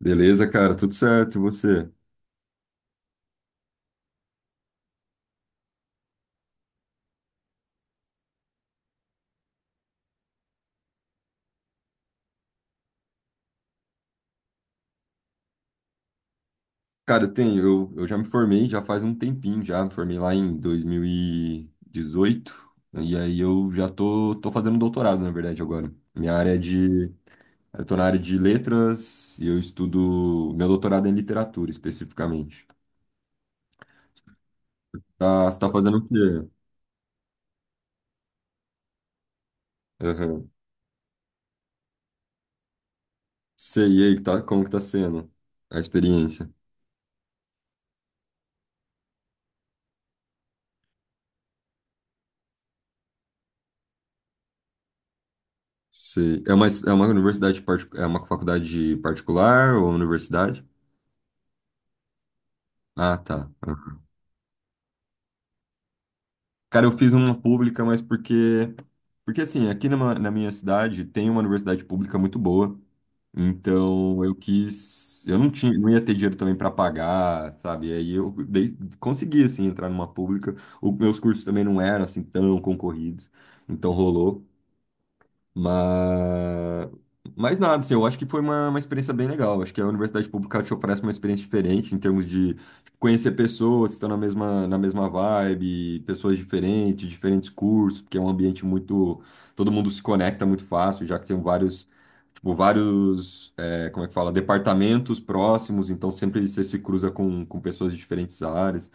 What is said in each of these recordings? Beleza, cara, tudo certo, e você? Cara, eu tenho, eu já me formei já faz um tempinho já, me formei lá em 2018, e dezoito, né, e aí eu já tô, tô fazendo um doutorado, na verdade, agora. Minha área é de, eu tô na área de letras e eu estudo, meu doutorado é em literatura, especificamente. Tá, você tá fazendo o quê? Aham. Sei, e aí, que tá, como que tá sendo a experiência? Sei. É uma universidade, é uma faculdade particular ou universidade? Ah, tá. Cara, eu fiz uma pública, mas porque. Porque assim, na minha cidade tem uma universidade pública muito boa. Então eu quis. Eu não tinha, não ia ter dinheiro também para pagar, sabe? E aí eu dei, consegui, assim, entrar numa pública. O, meus cursos também não eram, assim, tão concorridos. Então rolou. Mas, mas nada, assim, eu acho que foi uma experiência bem legal. Acho que a universidade pública te oferece uma experiência diferente em termos de tipo, conhecer pessoas que estão na mesma vibe, pessoas diferentes, diferentes cursos, porque é um ambiente muito. Todo mundo se conecta muito fácil, já que tem vários tipo, vários, é, como é que fala, departamentos próximos, então sempre você se cruza com pessoas de diferentes áreas.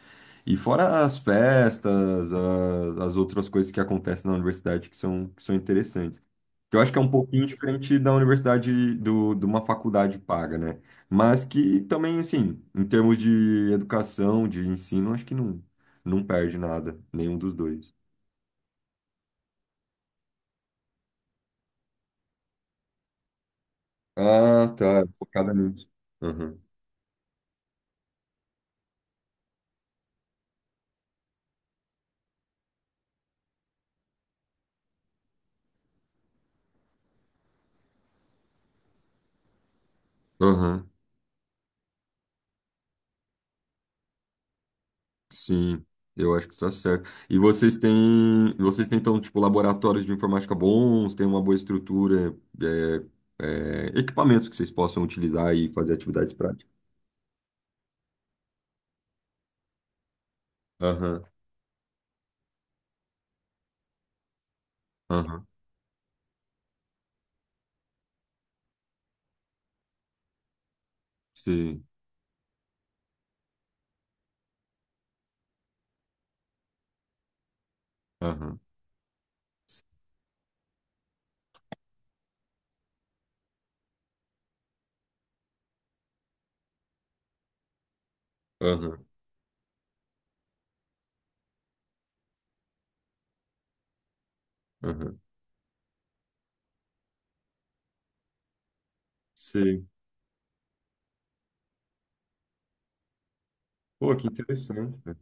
E fora as festas, as outras coisas que acontecem na universidade que são interessantes. Que eu acho que é um pouquinho diferente da universidade, do, de uma faculdade paga, né? Mas que também, assim, em termos de educação, de ensino, acho que não, não perde nada, nenhum dos dois. Ah, tá, focada nisso. Aham. Aham. Sim, eu acho que isso é certo. E vocês têm então, tipo, laboratórios de informática bons, têm uma boa estrutura, é, é, equipamentos que vocês possam utilizar e fazer atividades práticas. Aham, aham, sim, aham, aham, aham, sim. Pô, que interessante. Cara.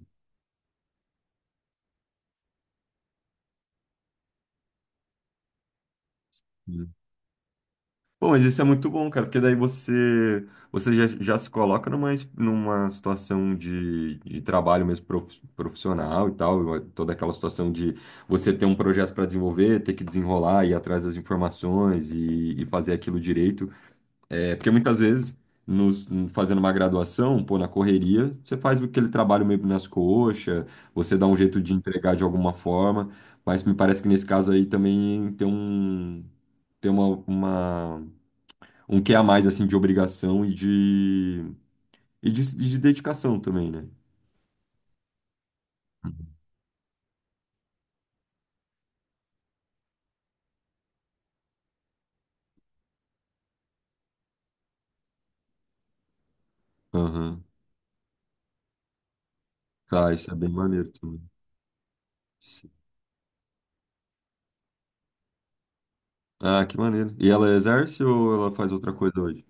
Bom, mas isso é muito bom, cara, porque daí você, você já, já se coloca numa, numa situação de trabalho mesmo profissional e tal, toda aquela situação de você ter um projeto para desenvolver, ter que desenrolar, ir atrás das informações e fazer aquilo direito. É, porque muitas vezes, nos, fazendo uma graduação, pô, na correria, você faz aquele trabalho meio nas coxas, você dá um jeito de entregar de alguma forma, mas me parece que nesse caso aí também tem um. Tem uma um quê a mais, assim, de obrigação e de, e de, e de dedicação também, né? Aham. Tá, isso é bem maneiro também. Sim. Ah, que maneiro. E ela exerce ou ela faz outra coisa hoje?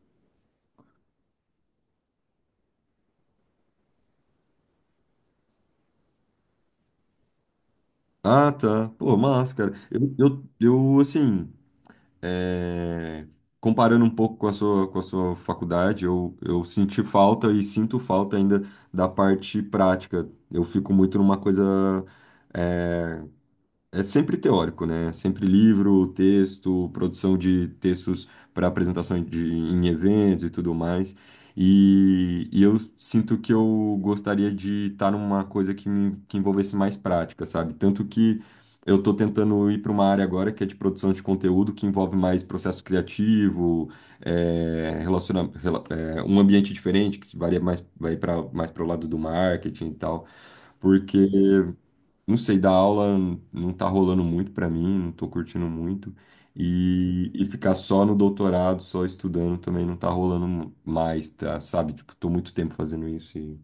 Ah, tá. Pô, massa, cara. Eu assim, é, comparando um pouco com a sua faculdade, eu senti falta e sinto falta ainda da parte prática. Eu fico muito numa coisa é, é sempre teórico, né? Sempre livro, texto, produção de textos para apresentação de, em eventos e tudo mais. E eu sinto que eu gostaria de estar numa coisa que, que envolvesse mais prática, sabe? Tanto que eu estou tentando ir para uma área agora que é de produção de conteúdo, que envolve mais processo criativo, é, é, um ambiente diferente, que se varia mais, vai para mais para o lado do marketing e tal. Porque uhum. Não sei, dar aula não tá rolando muito pra mim, não tô curtindo muito. E ficar só no doutorado, só estudando também não tá rolando mais, tá? Sabe? Tipo, tô muito tempo fazendo isso e...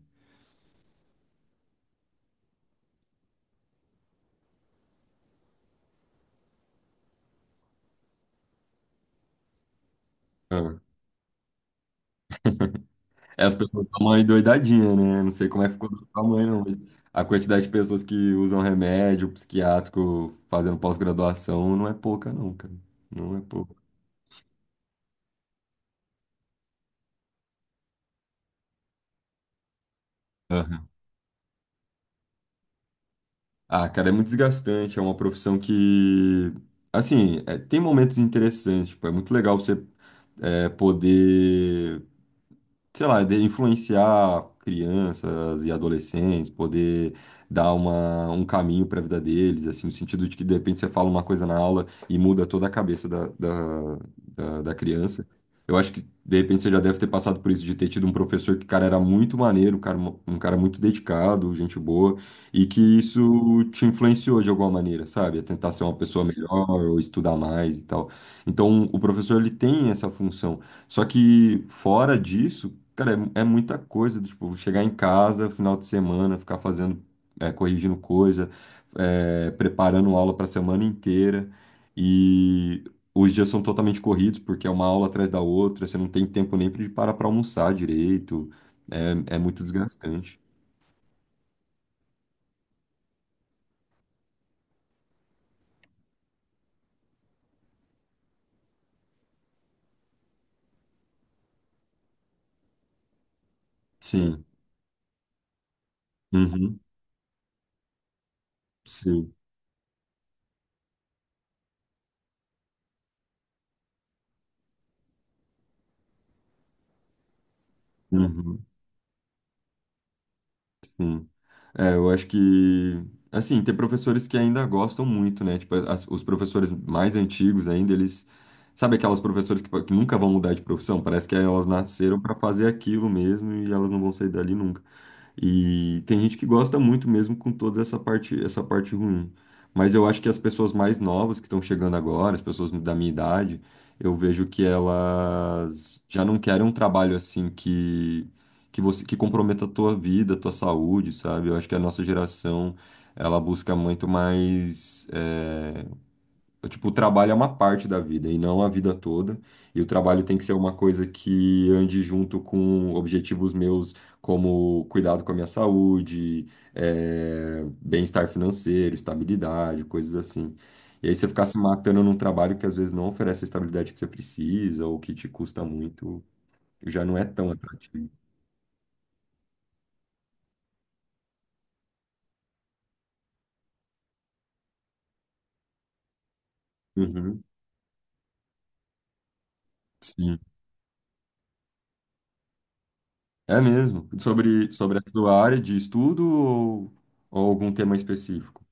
Ah. É, as pessoas estão uma endoidadinha, né? Não sei como é que ficou do tamanho, não, mas a quantidade de pessoas que usam remédio psiquiátrico fazendo pós-graduação não é pouca, não, cara. Não é pouca. Aham. Ah, cara, é muito desgastante. É uma profissão que, assim, é, tem momentos interessantes. Tipo, é muito legal você é, poder sei lá, de influenciar crianças e adolescentes, poder dar uma, um caminho para a vida deles, assim, no sentido de que de repente você fala uma coisa na aula e muda toda a cabeça da, da, da, da criança. Eu acho que de repente você já deve ter passado por isso de ter tido um professor que, cara, era muito maneiro, cara, um cara muito dedicado, gente boa, e que isso te influenciou de alguma maneira, sabe? A tentar ser uma pessoa melhor ou estudar mais e tal. Então, o professor ele tem essa função. Só que fora disso, cara, é, é muita coisa, do tipo, chegar em casa, final de semana, ficar fazendo, é, corrigindo coisa, é, preparando aula para a semana inteira. E os dias são totalmente corridos, porque é uma aula atrás da outra, você não tem tempo nem de parar para almoçar direito. É, é muito desgastante. Sim. Uhum. Sim. Uhum. Sim. É, eu acho que, assim, tem professores que ainda gostam muito, né? Tipo, os professores mais antigos ainda, eles. Sabe aquelas professoras que nunca vão mudar de profissão? Parece que elas nasceram para fazer aquilo mesmo e elas não vão sair dali nunca. E tem gente que gosta muito mesmo com toda essa parte ruim. Mas eu acho que as pessoas mais novas que estão chegando agora, as pessoas da minha idade, eu vejo que elas já não querem um trabalho assim que você que comprometa a tua vida, a tua saúde, sabe? Eu acho que a nossa geração, ela busca muito mais tipo, o trabalho é uma parte da vida e não a vida toda. E o trabalho tem que ser uma coisa que ande junto com objetivos meus, como cuidado com a minha saúde, bem-estar financeiro, estabilidade, coisas assim. E aí você ficar se matando num trabalho que às vezes não oferece a estabilidade que você precisa ou que te custa muito, já não é tão atrativo. Uhum, sim. É mesmo. Sobre, sobre a sua área de estudo ou algum tema específico?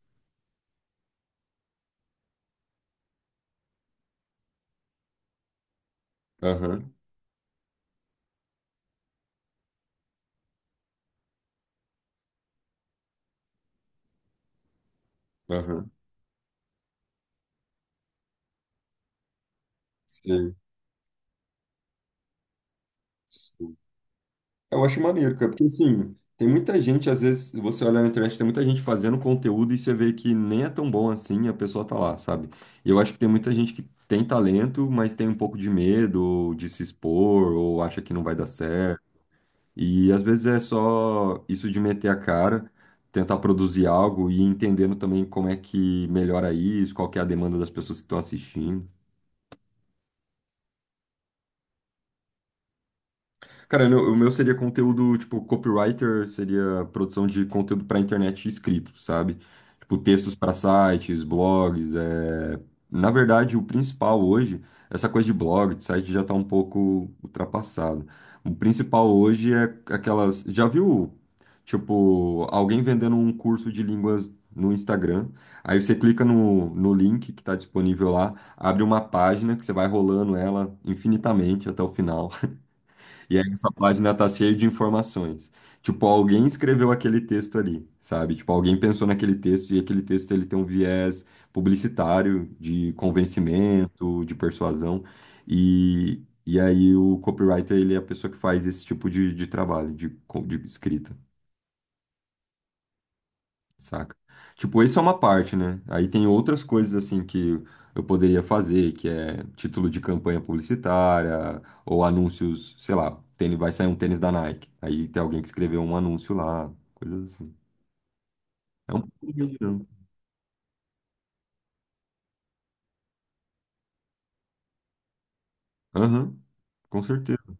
Aham, aham. Sim. Eu acho maneiro, cara, porque assim, tem muita gente, às vezes, você olha na internet, tem muita gente fazendo conteúdo e você vê que nem é tão bom assim, a pessoa tá lá, sabe? E eu acho que tem muita gente que tem talento, mas tem um pouco de medo ou de se expor ou acha que não vai dar certo. E às vezes é só isso de meter a cara, tentar produzir algo e entendendo também como é que melhora isso, qual que é a demanda das pessoas que estão assistindo. Cara, o meu seria conteúdo, tipo, copywriter seria produção de conteúdo para internet escrito, sabe? Tipo, textos para sites, blogs. É... Na verdade, o principal hoje, essa coisa de blog, de site já tá um pouco ultrapassado. O principal hoje é aquelas. Já viu, tipo, alguém vendendo um curso de línguas no Instagram? Aí você clica no, no link que está disponível lá, abre uma página que você vai rolando ela infinitamente até o final. E aí essa página tá cheia de informações. Tipo, alguém escreveu aquele texto ali, sabe? Tipo, alguém pensou naquele texto e aquele texto ele tem um viés publicitário, de convencimento, de persuasão. E aí o copywriter, ele é a pessoa que faz esse tipo de trabalho, de, de escrita. Saca? Tipo, isso é uma parte, né? Aí tem outras coisas assim que eu poderia fazer, que é título de campanha publicitária, ou anúncios, sei lá, tênis, vai sair um tênis da Nike. Aí tem alguém que escreveu um anúncio lá, coisas assim. É um pouco de aham, com certeza.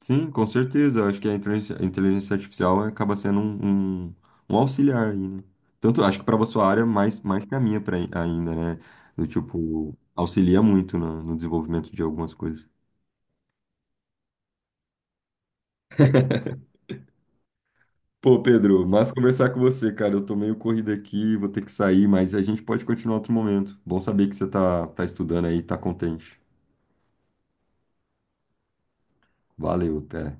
Sim, com certeza. Eu acho que a inteligência artificial acaba sendo um, um, um auxiliar aí, né? Tanto acho que para sua área, mais, mais que a minha pra, ainda, né? Do tipo, auxilia muito no desenvolvimento de algumas coisas. Pô, Pedro, mas conversar com você, cara. Eu tô meio corrido aqui, vou ter que sair, mas a gente pode continuar outro momento. Bom saber que você tá, tá estudando aí, tá contente. Valeu, até.